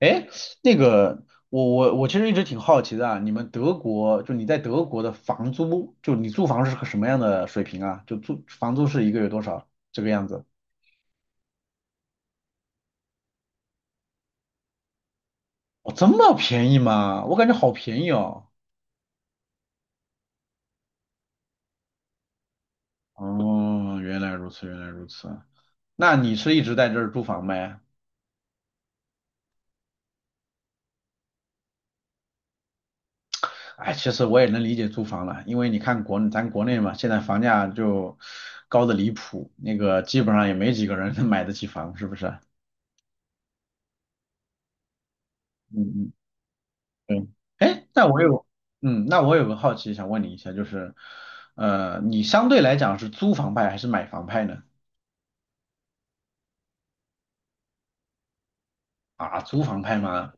哎，那个，我其实一直挺好奇的啊，你们德国，就你在德国的房租，就你租房是个什么样的水平啊？就租房租是一个月多少这个样子？哦，这么便宜吗？我感觉好便宜哦。哦，原来如此，原来如此。那你是一直在这儿租房呗？哎，其实我也能理解租房了，因为你看咱国内嘛，现在房价就高的离谱，那个基本上也没几个人能买得起房，是不是？嗯嗯，对，哎，那我有个好奇想问你一下，就是，你相对来讲是租房派还是买房派呢？啊，租房派吗？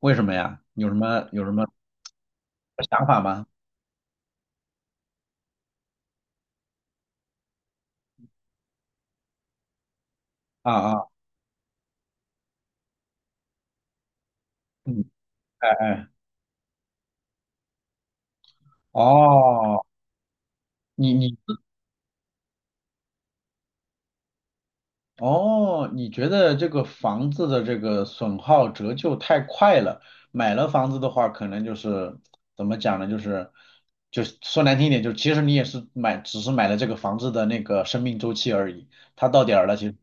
为什么呀？有什么想法吗？啊啊，嗯，哎哎，哦，你你哦，你觉得这个房子的这个损耗折旧太快了，买了房子的话，可能就是怎么讲呢？就是说难听一点，就其实你也是买，只是买了这个房子的那个生命周期而已，它到点儿了，其实。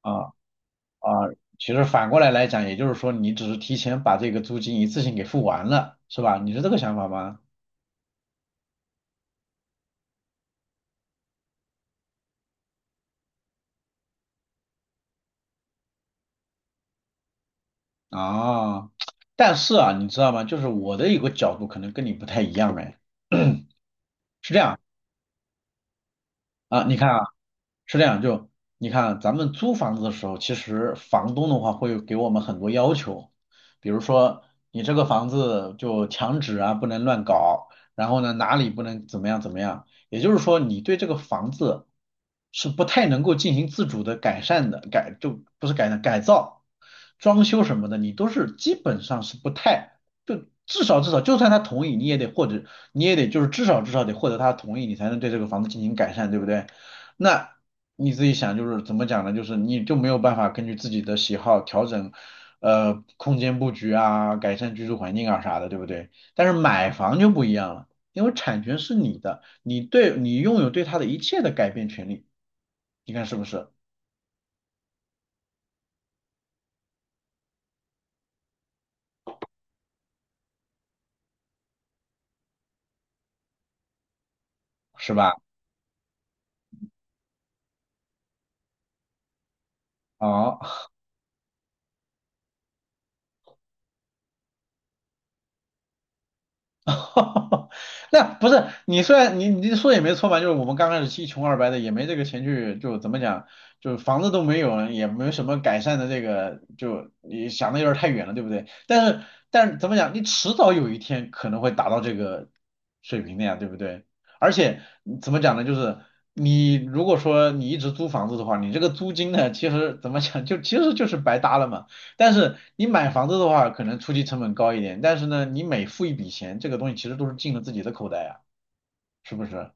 啊啊，其实反过来讲，也就是说你只是提前把这个租金一次性给付完了，是吧？你是这个想法吗？啊，但是啊，你知道吗？就是我的一个角度可能跟你不太一样哎，啊，你看啊。是这样，就你看啊，咱们租房子的时候，其实房东的话会给我们很多要求，比如说你这个房子就墙纸啊不能乱搞，然后呢哪里不能怎么样怎么样，也就是说你对这个房子是不太能够进行自主的改善的，就不是改善改造、装修什么的，你都是基本上是不太就至少就算他同意，你也得就是至少得获得他同意，你才能对这个房子进行改善，对不对？那你自己想，就是怎么讲呢？就是你就没有办法根据自己的喜好调整，空间布局啊，改善居住环境啊啥的，对不对？但是买房就不一样了，因为产权是你的，你对你拥有对它的一切的改变权利，你看是不是？是吧？好。那不是你虽然你说也没错嘛，就是我们刚开始一穷二白的，也没这个钱去，就怎么讲，就是房子都没有，也没什么改善的这个，就你想的有点太远了，对不对？但是怎么讲，你迟早有一天可能会达到这个水平的呀，对不对？而且怎么讲呢，就是你如果说你一直租房子的话，你这个租金呢，其实怎么讲，就其实就是白搭了嘛。但是你买房子的话，可能初期成本高一点，但是呢，你每付一笔钱，这个东西其实都是进了自己的口袋啊，是不是？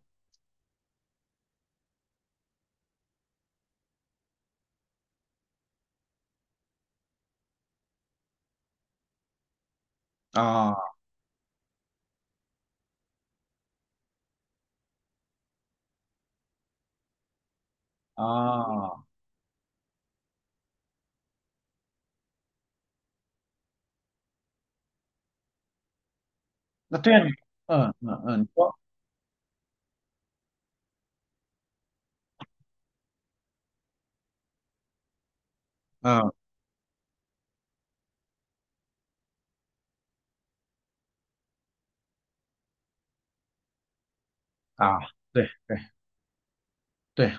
啊啊，那对啊，你嗯嗯嗯，你说嗯啊，对对对。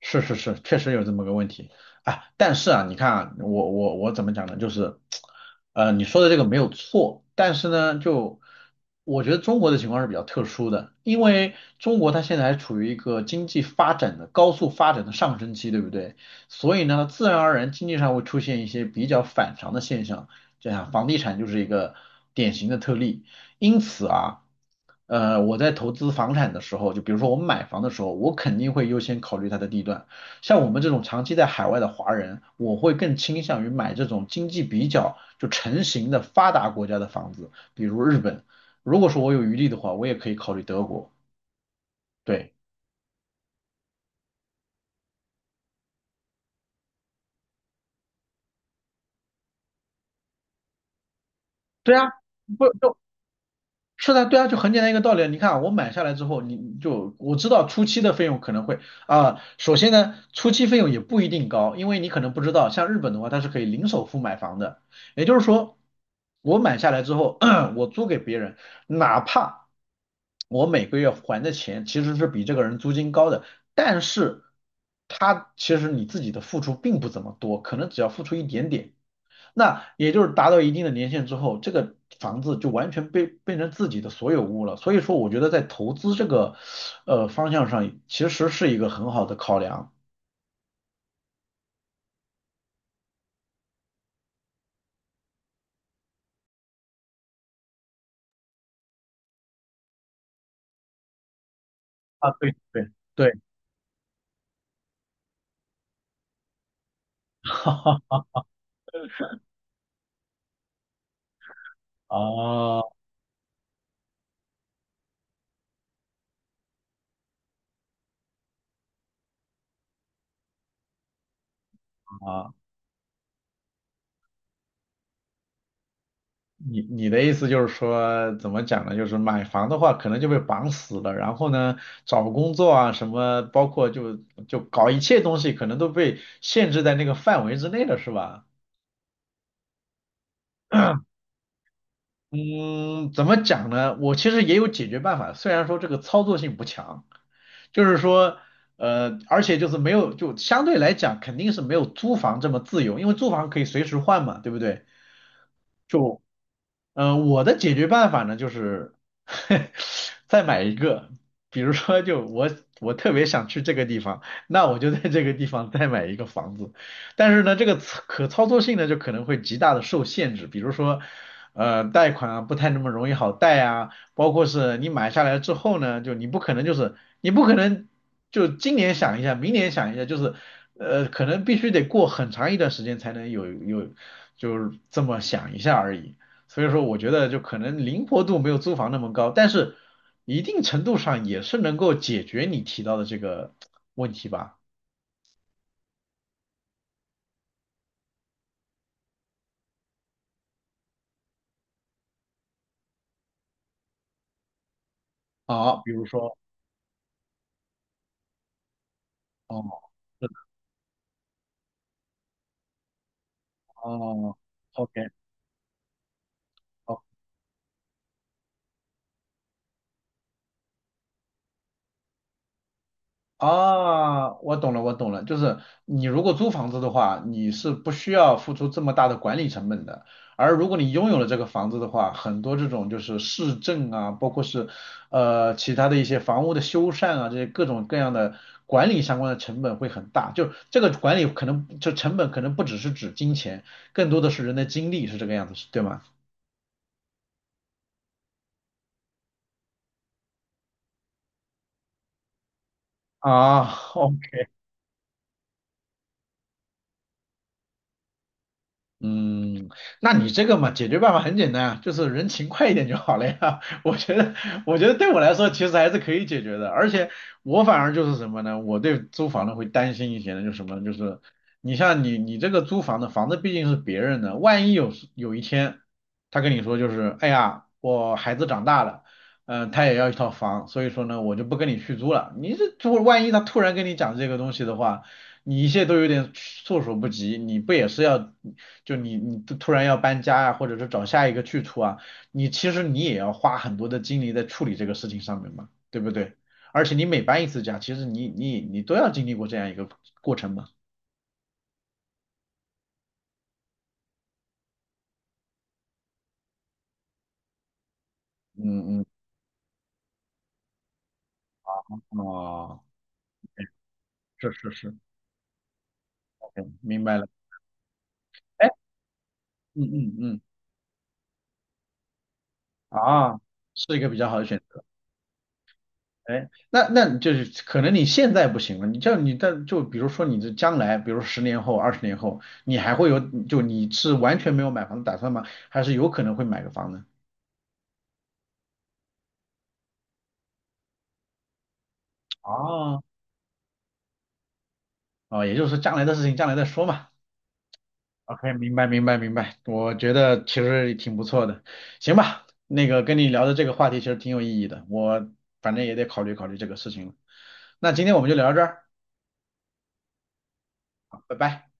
是是是，确实有这么个问题啊。但是啊，你看啊，我怎么讲呢？就是，你说的这个没有错，但是呢，就我觉得中国的情况是比较特殊的，因为中国它现在还处于一个经济发展的高速发展的上升期，对不对？所以呢，自然而然经济上会出现一些比较反常的现象，就像房地产就是一个典型的特例。因此啊。我在投资房产的时候，就比如说我们买房的时候，我肯定会优先考虑它的地段。像我们这种长期在海外的华人，我会更倾向于买这种经济比较就成型的发达国家的房子，比如日本。如果说我有余力的话，我也可以考虑德国。对，对啊，不，就是的，对啊，就很简单一个道理啊。你看啊我买下来之后，你就我知道初期的费用可能会啊、首先呢，初期费用也不一定高，因为你可能不知道，像日本的话，它是可以零首付买房的，也就是说，我买下来之后，我租给别人，哪怕我每个月还的钱其实是比这个人租金高的，但是他其实你自己的付出并不怎么多，可能只要付出一点点，那也就是达到一定的年限之后，这个房子就完全被变成自己的所有物了。所以说，我觉得在投资这个方向上，其实是一个很好的考量啊。对对对，哈哈啊啊，你的意思就是说，怎么讲呢？就是买房的话，可能就被绑死了，然后呢，找工作啊什么，包括就搞一切东西，可能都被限制在那个范围之内了，是吧？嗯，怎么讲呢？我其实也有解决办法，虽然说这个操作性不强，就是说，而且就是没有，就相对来讲肯定是没有租房这么自由，因为租房可以随时换嘛，对不对？我的解决办法呢，就是 再买一个，比如说就我特别想去这个地方，那我就在这个地方再买一个房子，但是呢，这个操可操作性呢就可能会极大的受限制，比如说贷款啊不太那么容易好贷啊，包括是你买下来之后呢，就你不可能就今年想一下，明年想一下，就是可能必须得过很长一段时间才能有就是这么想一下而已。所以说，我觉得就可能灵活度没有租房那么高，但是一定程度上也是能够解决你提到的这个问题吧。啊，比如说，哦，是的，哦 o k o 啊，我懂了，我懂了，就是你如果租房子的话，你是不需要付出这么大的管理成本的，而如果你拥有了这个房子的话，很多这种就是市政啊，包括是其他的一些房屋的修缮啊，这些各种各样的管理相关的成本会很大，就这个管理可能就成本可能不只是指金钱，更多的是人的精力，是这个样子，是对吗？啊，OK，嗯，那你这个嘛，解决办法很简单啊，就是人勤快一点就好了呀。我觉得，我觉得对我来说其实还是可以解决的，而且我反而就是什么呢？我对租房的会担心一些呢，就是什么呢？就是你像你这个租房的房子毕竟是别人的，万一有一天他跟你说就是，哎呀，我孩子长大了，嗯、他也要一套房，所以说呢，我就不跟你续租了。你这如果万一他突然跟你讲这个东西的话，你一切都有点措手不及，你不也是要，就你突然要搬家啊，或者是找下一个去处啊，你其实你也要花很多的精力在处理这个事情上面嘛，对不对？而且你每搬一次家，其实你都要经历过这样一个过程嘛。嗯嗯，哦，是是是，OK，明白了。哎，嗯嗯嗯，啊，是一个比较好的选择。哎，那那就是可能你现在不行了，你像你但就比如说你这将来，比如十年后、20年后，你还会有就你是完全没有买房的打算吗？还是有可能会买个房子？哦，哦，也就是说将来的事情将来再说嘛。OK，明白明白明白，我觉得其实也挺不错的，行吧，那个跟你聊的这个话题其实挺有意义的，我反正也得考虑考虑这个事情了。那今天我们就聊到这儿，好拜拜。